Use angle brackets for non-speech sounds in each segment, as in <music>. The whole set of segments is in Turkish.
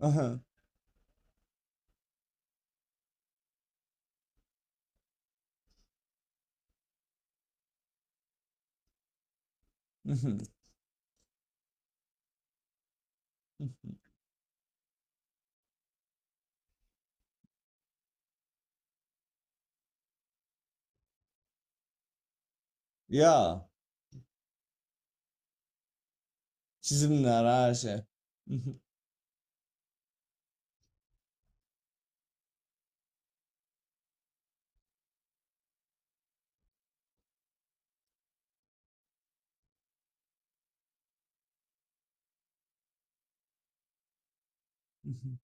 Aha. <laughs> Mhm. Mhm. Ya çizimler her şey. <laughs> Mhm. Mhm.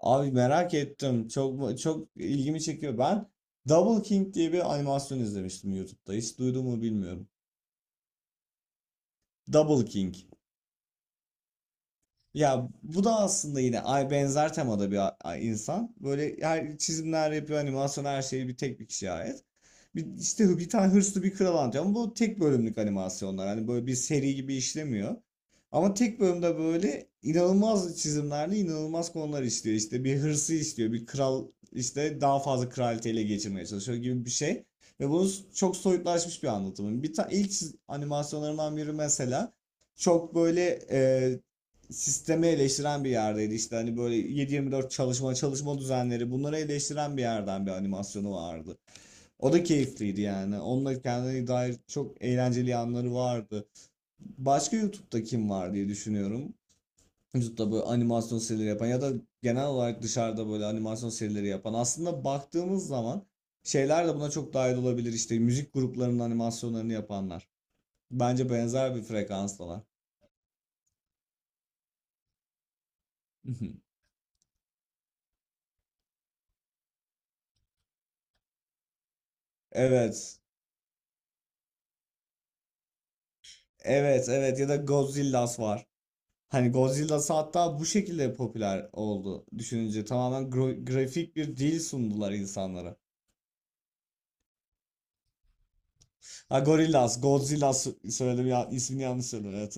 Abi merak ettim. Çok çok ilgimi çekiyor. Ben Double King diye bir animasyon izlemiştim YouTube'da. Hiç duydun mu bilmiyorum. Double King. Ya bu da aslında yine ay benzer temada bir insan. Böyle her çizimler yapıyor, animasyon her şeyi bir tek bir kişiye ait. Bir, işte bir tane hırslı bir kral anlatıyor ama bu tek bölümlük animasyonlar. Hani böyle bir seri gibi işlemiyor. Ama tek bölümde böyle inanılmaz çizimlerle inanılmaz konular işliyor. İşte bir hırsı işliyor, bir kral işte daha fazla kraliyeti ele geçirmeye çalışıyor gibi bir şey. Ve bunu çok soyutlaşmış bir anlatımı. Bir ilk animasyonlarından biri mesela çok böyle sistemi eleştiren bir yerdeydi. İşte hani böyle 7/24 çalışma çalışma düzenleri bunları eleştiren bir yerden bir animasyonu vardı. O da keyifliydi yani. Onunla kendine dair çok eğlenceli yanları vardı. Başka YouTube'da kim var diye düşünüyorum. YouTube'da böyle animasyon serileri yapan ya da genel olarak dışarıda böyle animasyon serileri yapan. Aslında baktığımız zaman şeyler de buna çok dahil olabilir. İşte müzik gruplarının animasyonlarını yapanlar. Bence benzer bir frekanstalar. <laughs> Evet. Evet evet ya da Godzilla'sı var. Hani Godzilla'sı hatta bu şekilde popüler oldu düşününce. Tamamen grafik bir dil sundular insanlara. Ha Gorillaz, Godzilla söyledim ya ismini yanlış söyledim evet.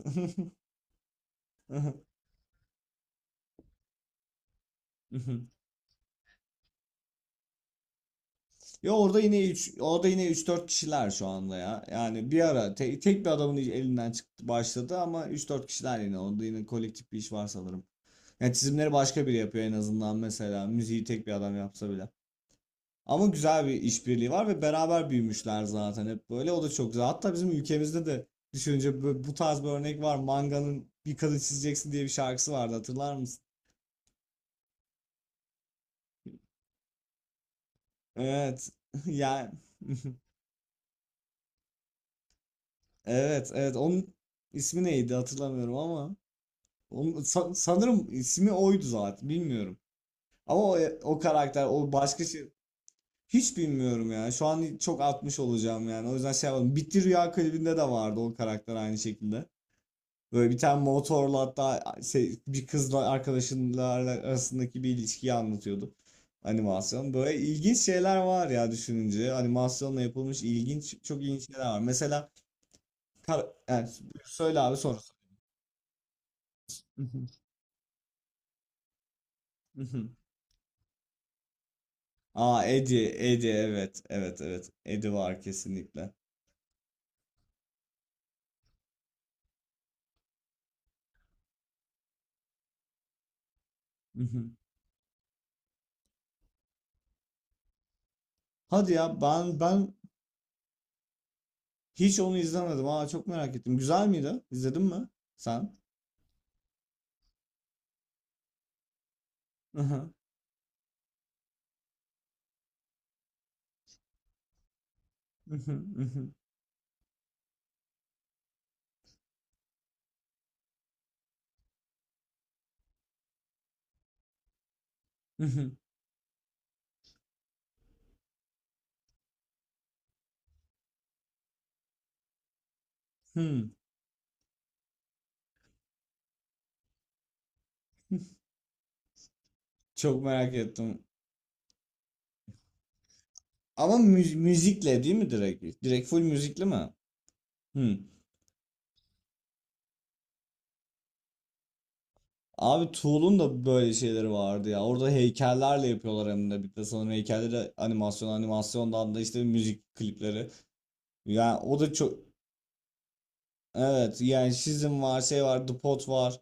<laughs> Ya orada yine üç, orada yine üç dört kişiler şu anda ya. Yani bir ara tek bir adamın elinden çıktı başladı ama üç dört kişiler yine orada yine kolektif bir iş var sanırım. Yani çizimleri başka biri yapıyor en azından mesela müziği tek bir adam yapsa bile. Ama güzel bir işbirliği var ve beraber büyümüşler zaten hep böyle. O da çok güzel. Hatta bizim ülkemizde de düşününce bu tarz bir örnek var. Manga'nın Bir Kadın Çizeceksin diye bir şarkısı vardı hatırlar mısın? Evet. <laughs> Yani <laughs> evet evet onun ismi neydi hatırlamıyorum ama onun, sanırım ismi oydu zaten bilmiyorum. Ama o, o karakter o başka şey hiç bilmiyorum ya. Şu an çok atmış olacağım yani. O yüzden şey yapalım. Bitti Rüya klibinde de vardı o karakter aynı şekilde. Böyle bir tane motorla hatta şey, bir kızla arkadaşlarla arasındaki bir ilişkiyi anlatıyordu. Animasyon. Böyle ilginç şeyler var ya düşününce. Animasyonla yapılmış ilginç, çok ilginç şeyler var. Mesela yani söyle abi sonra. <laughs> Aa Eddie, Eddie evet, evet, evet. Eddie var kesinlikle. <laughs> Hı hı. Hadi ya ben hiç onu izlemedim. Aa çok merak ettim. Güzel miydi? İzledin mi sen? <laughs> Hı hı. Hı hı, hı hı, hı hı. Hmm, çok merak ettim. Ama müzikle değil mi direkt? Direkt full müzikli mi? Hı. Abi Tool'un da böyle şeyleri vardı ya. Orada heykellerle yapıyorlar hem de bir de sanırım heykelleri animasyondan da işte müzik klipleri. Yani o da çok evet yani Shizm var şey var The Pot var.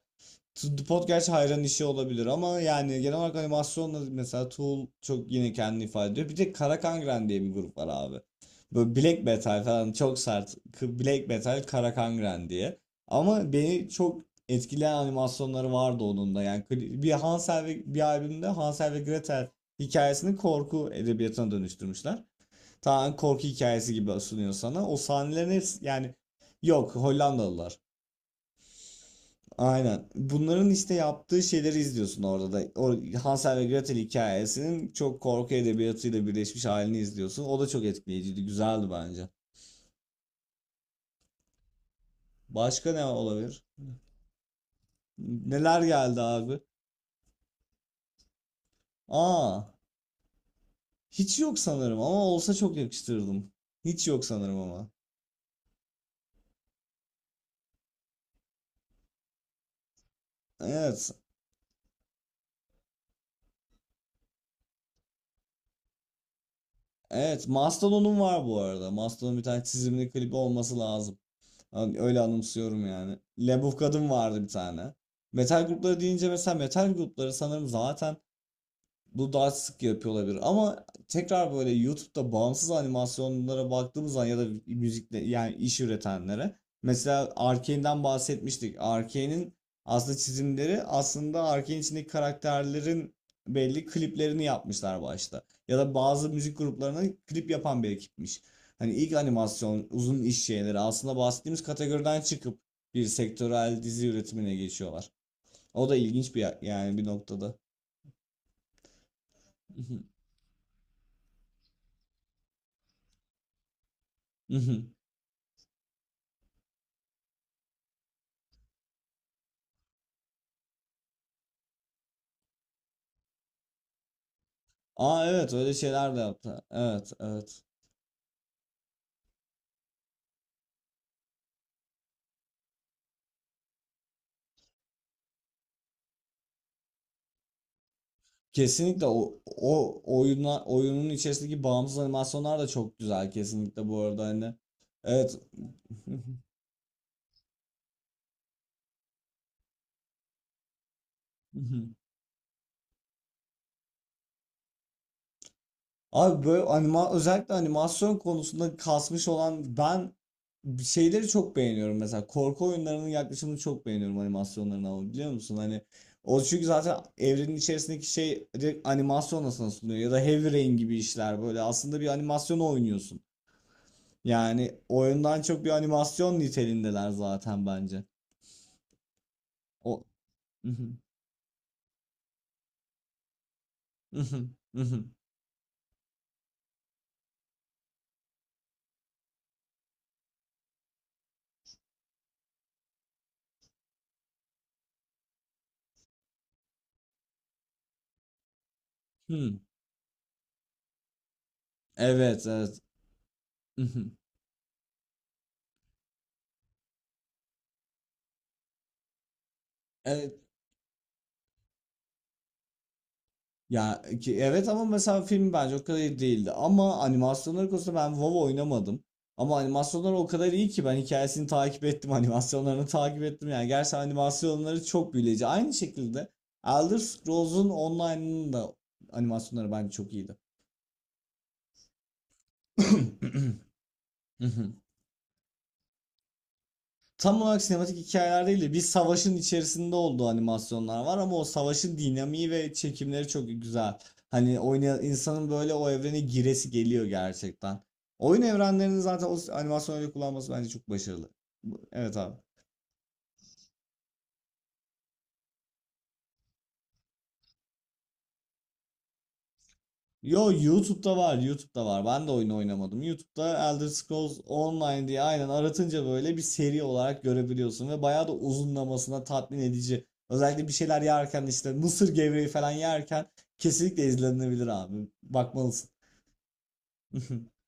The Pod gerçi hayran işi olabilir ama yani genel olarak animasyonla mesela Tool çok yine kendini ifade ediyor. Bir de Karakangren diye bir grup var abi. Böyle Black Metal falan çok sert. Black Metal Karakangren diye. Ama beni çok etkileyen animasyonları vardı onun da. Yani bir Hansel ve bir albümde Hansel ve Gretel hikayesini korku edebiyatına dönüştürmüşler. Tamamen korku hikayesi gibi sunuyor sana. O sahnelerin hepsi yani yok Hollandalılar. Aynen. Bunların işte yaptığı şeyleri izliyorsun orada da. O Hansel ve Gretel hikayesinin çok korku edebiyatıyla birleşmiş halini izliyorsun. O da çok etkileyiciydi. Güzeldi bence. Başka ne olabilir? Neler geldi abi? Aa, hiç yok sanırım ama olsa çok yakıştırırdım. Hiç yok sanırım ama. Evet. Evet. Mastodon'un var bu arada. Mastodon'un bir tane çizimli klibi olması lazım. Hani öyle anımsıyorum yani. Labubu Kadın vardı bir tane. Metal grupları deyince mesela metal grupları sanırım zaten bu daha sık yapıyor olabilir ama tekrar böyle YouTube'da bağımsız animasyonlara baktığımız zaman ya da müzikle yani iş üretenlere mesela Arkane'den bahsetmiştik. Arkane'in aslında çizimleri aslında Arkane içindeki karakterlerin belli kliplerini yapmışlar başta. Ya da bazı müzik gruplarına klip yapan bir ekipmiş. Hani ilk animasyon, uzun iş şeyleri aslında bahsettiğimiz kategoriden çıkıp bir sektörel dizi üretimine geçiyorlar. O da ilginç bir yani bir noktada. <laughs> Aa evet öyle şeyler de yaptı. Evet evet. Kesinlikle o, o oyuna, oyunun içerisindeki bağımsız animasyonlar da çok güzel kesinlikle bu arada hani. Evet. <laughs> Abi böyle özellikle animasyon konusunda kasmış olan ben şeyleri çok beğeniyorum mesela korku oyunlarının yaklaşımını çok beğeniyorum animasyonlarına ama biliyor musun hani o çünkü zaten evrenin içerisindeki şey direkt animasyon nasıl sunuyor ya da Heavy Rain gibi işler böyle aslında bir animasyon oynuyorsun. Yani oyundan çok bir animasyon niteliğindeler zaten bence. O <laughs> Evet, evet. <laughs> Evet. Ya ki evet ama mesela film bence o kadar iyi değildi. Ama animasyonlar konusunda ben WoW oynamadım. Ama animasyonlar o kadar iyi ki ben hikayesini takip ettim, <laughs> animasyonlarını takip ettim. Yani gerçekten animasyonları çok büyüleyici. Aynı şekilde Elder Scrolls'un online'ının da animasyonları bence çok iyiydi. <clears throat> Tam olarak sinematik hikayeler değil de bir savaşın içerisinde olduğu animasyonlar var ama o savaşın dinamiği ve çekimleri çok güzel. Hani oynayan insanın böyle o evrene giresi geliyor gerçekten. Oyun evrenlerini zaten o animasyon öyle kullanması bence çok başarılı. Evet abi. Yo YouTube'da var, YouTube'da var. Ben de oyunu oynamadım. YouTube'da Elder Scrolls Online diye aynen aratınca böyle bir seri olarak görebiliyorsun ve bayağı da uzunlamasına tatmin edici. Özellikle bir şeyler yerken işte mısır gevreği falan yerken kesinlikle izlenebilir abi. Bakmalısın. <laughs>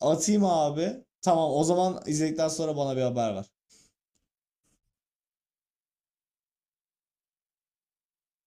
Atayım abi. Tamam o zaman izledikten sonra bana bir haber ver.